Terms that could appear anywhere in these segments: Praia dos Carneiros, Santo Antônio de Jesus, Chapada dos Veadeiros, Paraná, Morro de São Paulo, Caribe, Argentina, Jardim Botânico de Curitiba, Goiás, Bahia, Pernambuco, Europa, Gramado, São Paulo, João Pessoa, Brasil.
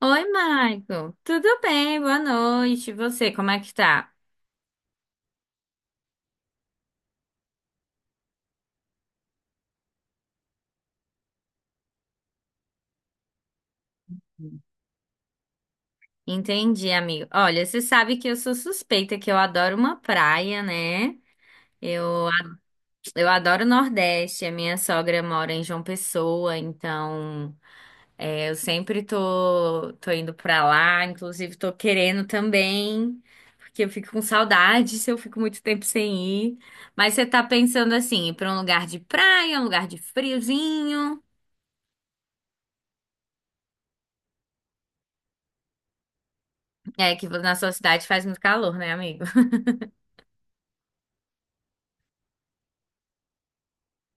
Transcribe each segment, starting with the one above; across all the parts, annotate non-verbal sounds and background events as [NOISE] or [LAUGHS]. Oi, Michael. Tudo bem? Boa noite. E você, como é que tá? Entendi, amigo. Olha, você sabe que eu sou suspeita, que eu adoro uma praia, né? Eu, a- eu adoro o Nordeste. A minha sogra mora em João Pessoa, então eu sempre tô indo pra lá. Inclusive, tô querendo também, porque eu fico com saudade se eu fico muito tempo sem ir. Mas você tá pensando assim, ir pra um lugar de praia, um lugar de friozinho? É que na sua cidade faz muito calor, né, amigo? [LAUGHS]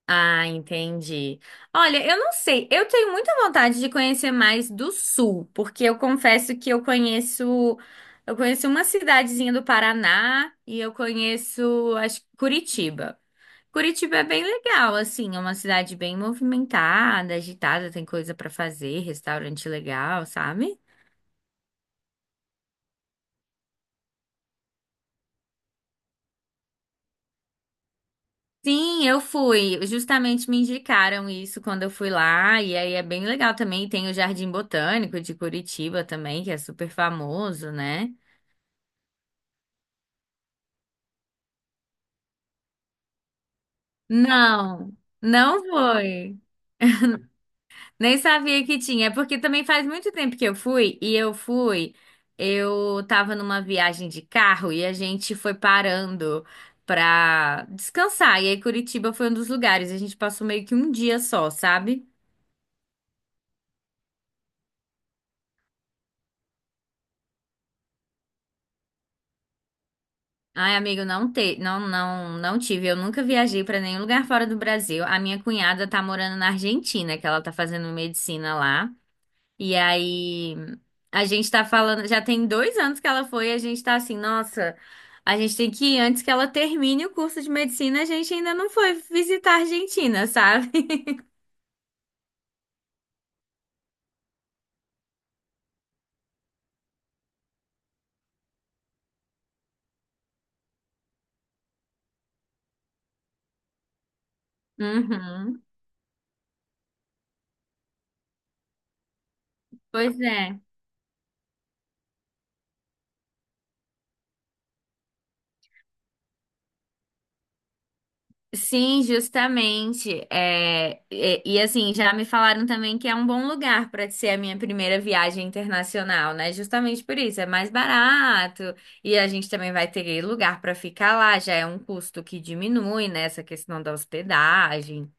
Ah, entendi. Olha, eu não sei. Eu tenho muita vontade de conhecer mais do sul, porque eu confesso que eu conheço uma cidadezinha do Paraná e eu conheço, acho, que Curitiba. Curitiba é bem legal, assim, é uma cidade bem movimentada, agitada, tem coisa pra fazer, restaurante legal, sabe? Sim, eu fui. Justamente me indicaram isso quando eu fui lá. E aí é bem legal também. Tem o Jardim Botânico de Curitiba também, que é super famoso, né? Não, não foi. Nem sabia que tinha. É porque também faz muito tempo que eu fui. E eu fui. Eu tava numa viagem de carro e a gente foi parando pra descansar. E aí Curitiba foi um dos lugares. A gente passou meio que um dia só, sabe? Ai, amigo, não te... não tive. Eu nunca viajei para nenhum lugar fora do Brasil. A minha cunhada tá morando na Argentina, que ela tá fazendo medicina lá. E aí a gente tá falando, já tem dois anos que ela foi, e a gente tá assim, nossa, a gente tem que ir antes que ela termine o curso de medicina, a gente ainda não foi visitar a Argentina, sabe? [LAUGHS] Uhum. Pois é. Sim, justamente. Assim, já me falaram também que é um bom lugar para ser a minha primeira viagem internacional, né? Justamente por isso, é mais barato e a gente também vai ter lugar para ficar lá, já é um custo que diminui, né? Essa questão da hospedagem.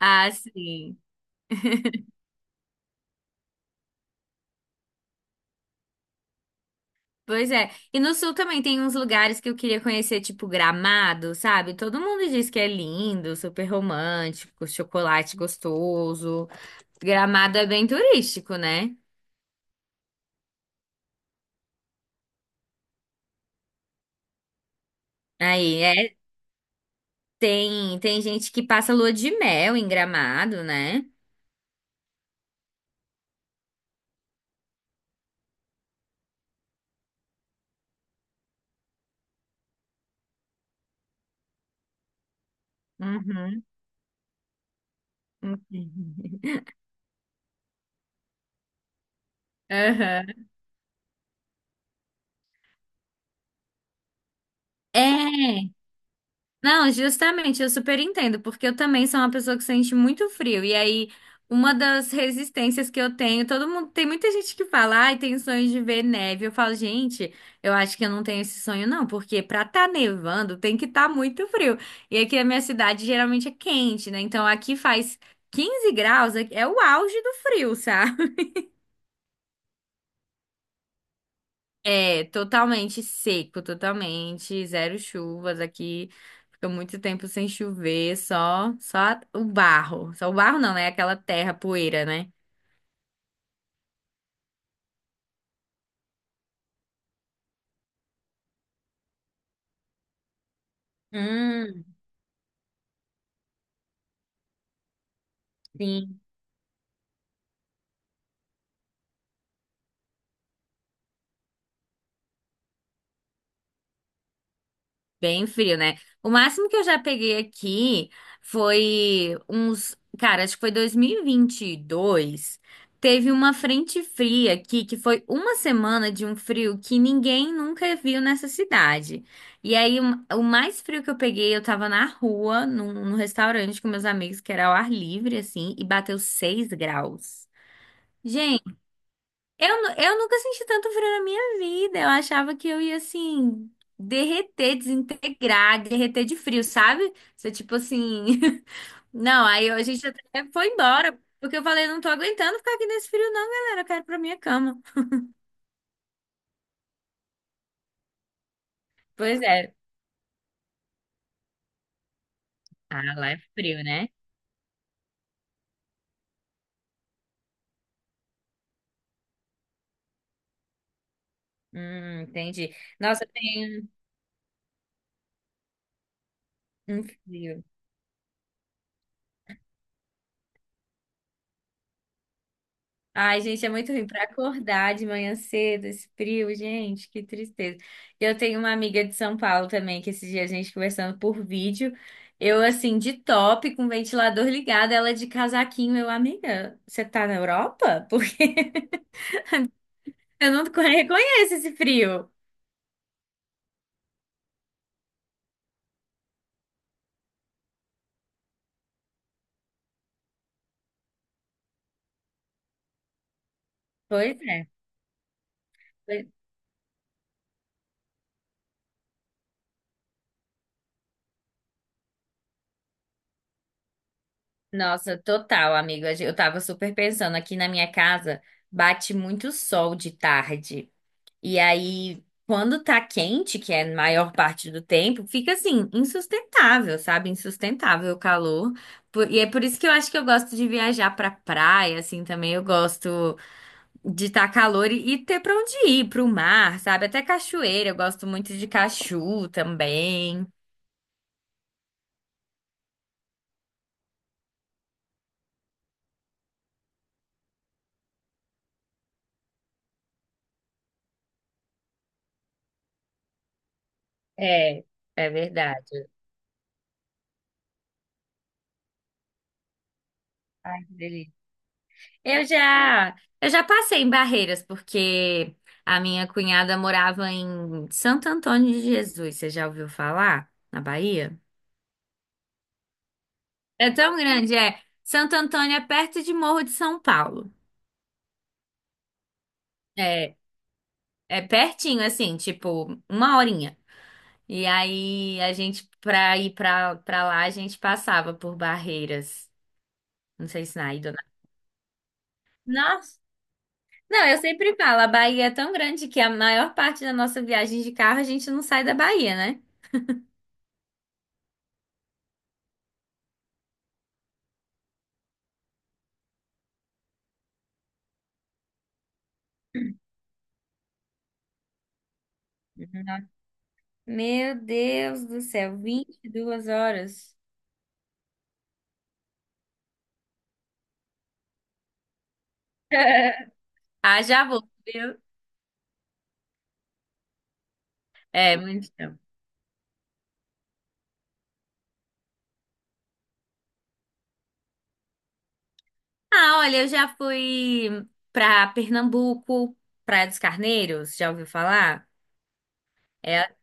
Ah, sim. Pois é. E no sul também tem uns lugares que eu queria conhecer, tipo Gramado, sabe? Todo mundo diz que é lindo, super romântico, chocolate gostoso. Gramado é bem turístico, né? Aí, é, tem gente que passa lua de mel em Gramado, né? Uhum. Uhum. Aham. É, não, justamente, eu super entendo, porque eu também sou uma pessoa que sente muito frio, e aí uma das resistências que eu tenho, todo mundo, tem muita gente que fala, ai, tem sonho de ver neve, eu falo, gente, eu acho que eu não tenho esse sonho não, porque pra tá nevando tem que tá muito frio, e aqui na minha cidade geralmente é quente, né, então aqui faz 15 graus, é o auge do frio, sabe? É, totalmente seco, totalmente, zero chuvas aqui. Fica muito tempo sem chover, só o barro. Só o barro não, né? Aquela terra, poeira, né? Hum, sim. Bem frio, né? O máximo que eu já peguei aqui foi uns. Cara, acho que foi dois mil e vinte e dois. Teve uma frente fria aqui, que foi uma semana de um frio que ninguém nunca viu nessa cidade. E aí, o mais frio que eu peguei, eu tava na rua, num restaurante com meus amigos, que era ao ar livre, assim, e bateu 6 graus. Eu nunca senti tanto frio na minha vida. Eu achava que eu ia assim, derreter, desintegrar, derreter de frio, sabe? Você, tipo assim. [LAUGHS] Não, aí a gente até foi embora, porque eu falei, não tô aguentando ficar aqui nesse frio, não, galera. Eu quero ir pra minha cama. Pois é. Ah, lá é frio, né? Entendi. Nossa, tem um frio. Ai, gente, é muito ruim para acordar de manhã cedo, esse frio, gente, que tristeza. Eu tenho uma amiga de São Paulo também, que esse dia a gente conversando por vídeo, eu assim, de top, com o ventilador ligado, ela é de casaquinho, eu, amiga, você tá na Europa? Porque [LAUGHS] eu não reconheço esse frio. Pois é. Pois- Nossa, total, amiga, eu tava super pensando, aqui na minha casa bate muito sol de tarde. E aí, quando tá quente, que é a maior parte do tempo, fica assim, insustentável, sabe? Insustentável o calor. Por- E é por isso que eu acho que eu gosto de viajar pra praia, assim, também. Eu gosto de estar calor e ter pra onde ir, pro mar, sabe? Até cachoeira, eu gosto muito de cachu também. É, é verdade. Ai, que delícia. Eu já passei em barreiras, porque a minha cunhada morava em Santo Antônio de Jesus. Você já ouviu falar? Na Bahia? É tão grande, é. Santo Antônio é perto de Morro de São Paulo. É, é pertinho, assim, tipo, uma horinha. E aí, pra ir pra lá, a gente passava por barreiras. Não sei se na ida ou na... Nossa! Não, eu sempre falo, a Bahia é tão grande que a maior parte da nossa viagem de carro, a gente não sai da Bahia, né? Uhum. Meu Deus do céu, 22 horas. [LAUGHS] Ah, já vou, viu? É, muito tempo. Ah, olha, eu já fui pra Pernambuco, Praia dos Carneiros, já ouviu falar? É,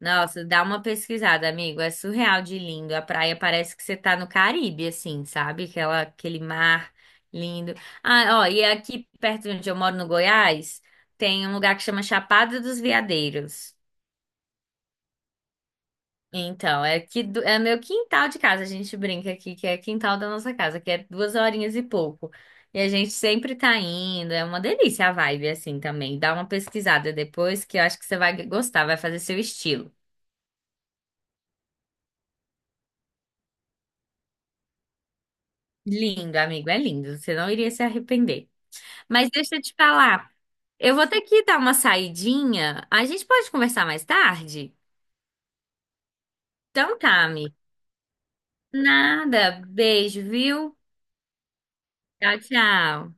nossa, dá uma pesquisada, amigo, é surreal de lindo. A praia parece que você tá no Caribe, assim, sabe? Aquela, aquele mar lindo. Ah, ó, e aqui perto de onde eu moro, no Goiás, tem um lugar que chama Chapada dos Veadeiros. Então, é que é meu quintal de casa, a gente brinca aqui que é quintal da nossa casa, que é duas horinhas e pouco. E a gente sempre tá indo, é uma delícia a vibe assim também. Dá uma pesquisada depois que eu acho que você vai gostar, vai fazer seu estilo. Lindo, amigo, é lindo, você não iria se arrepender. Mas deixa eu te falar, eu vou ter que dar uma saidinha. A gente pode conversar mais tarde? Então tá, amigo. Nada, beijo, viu? Tchau, tchau.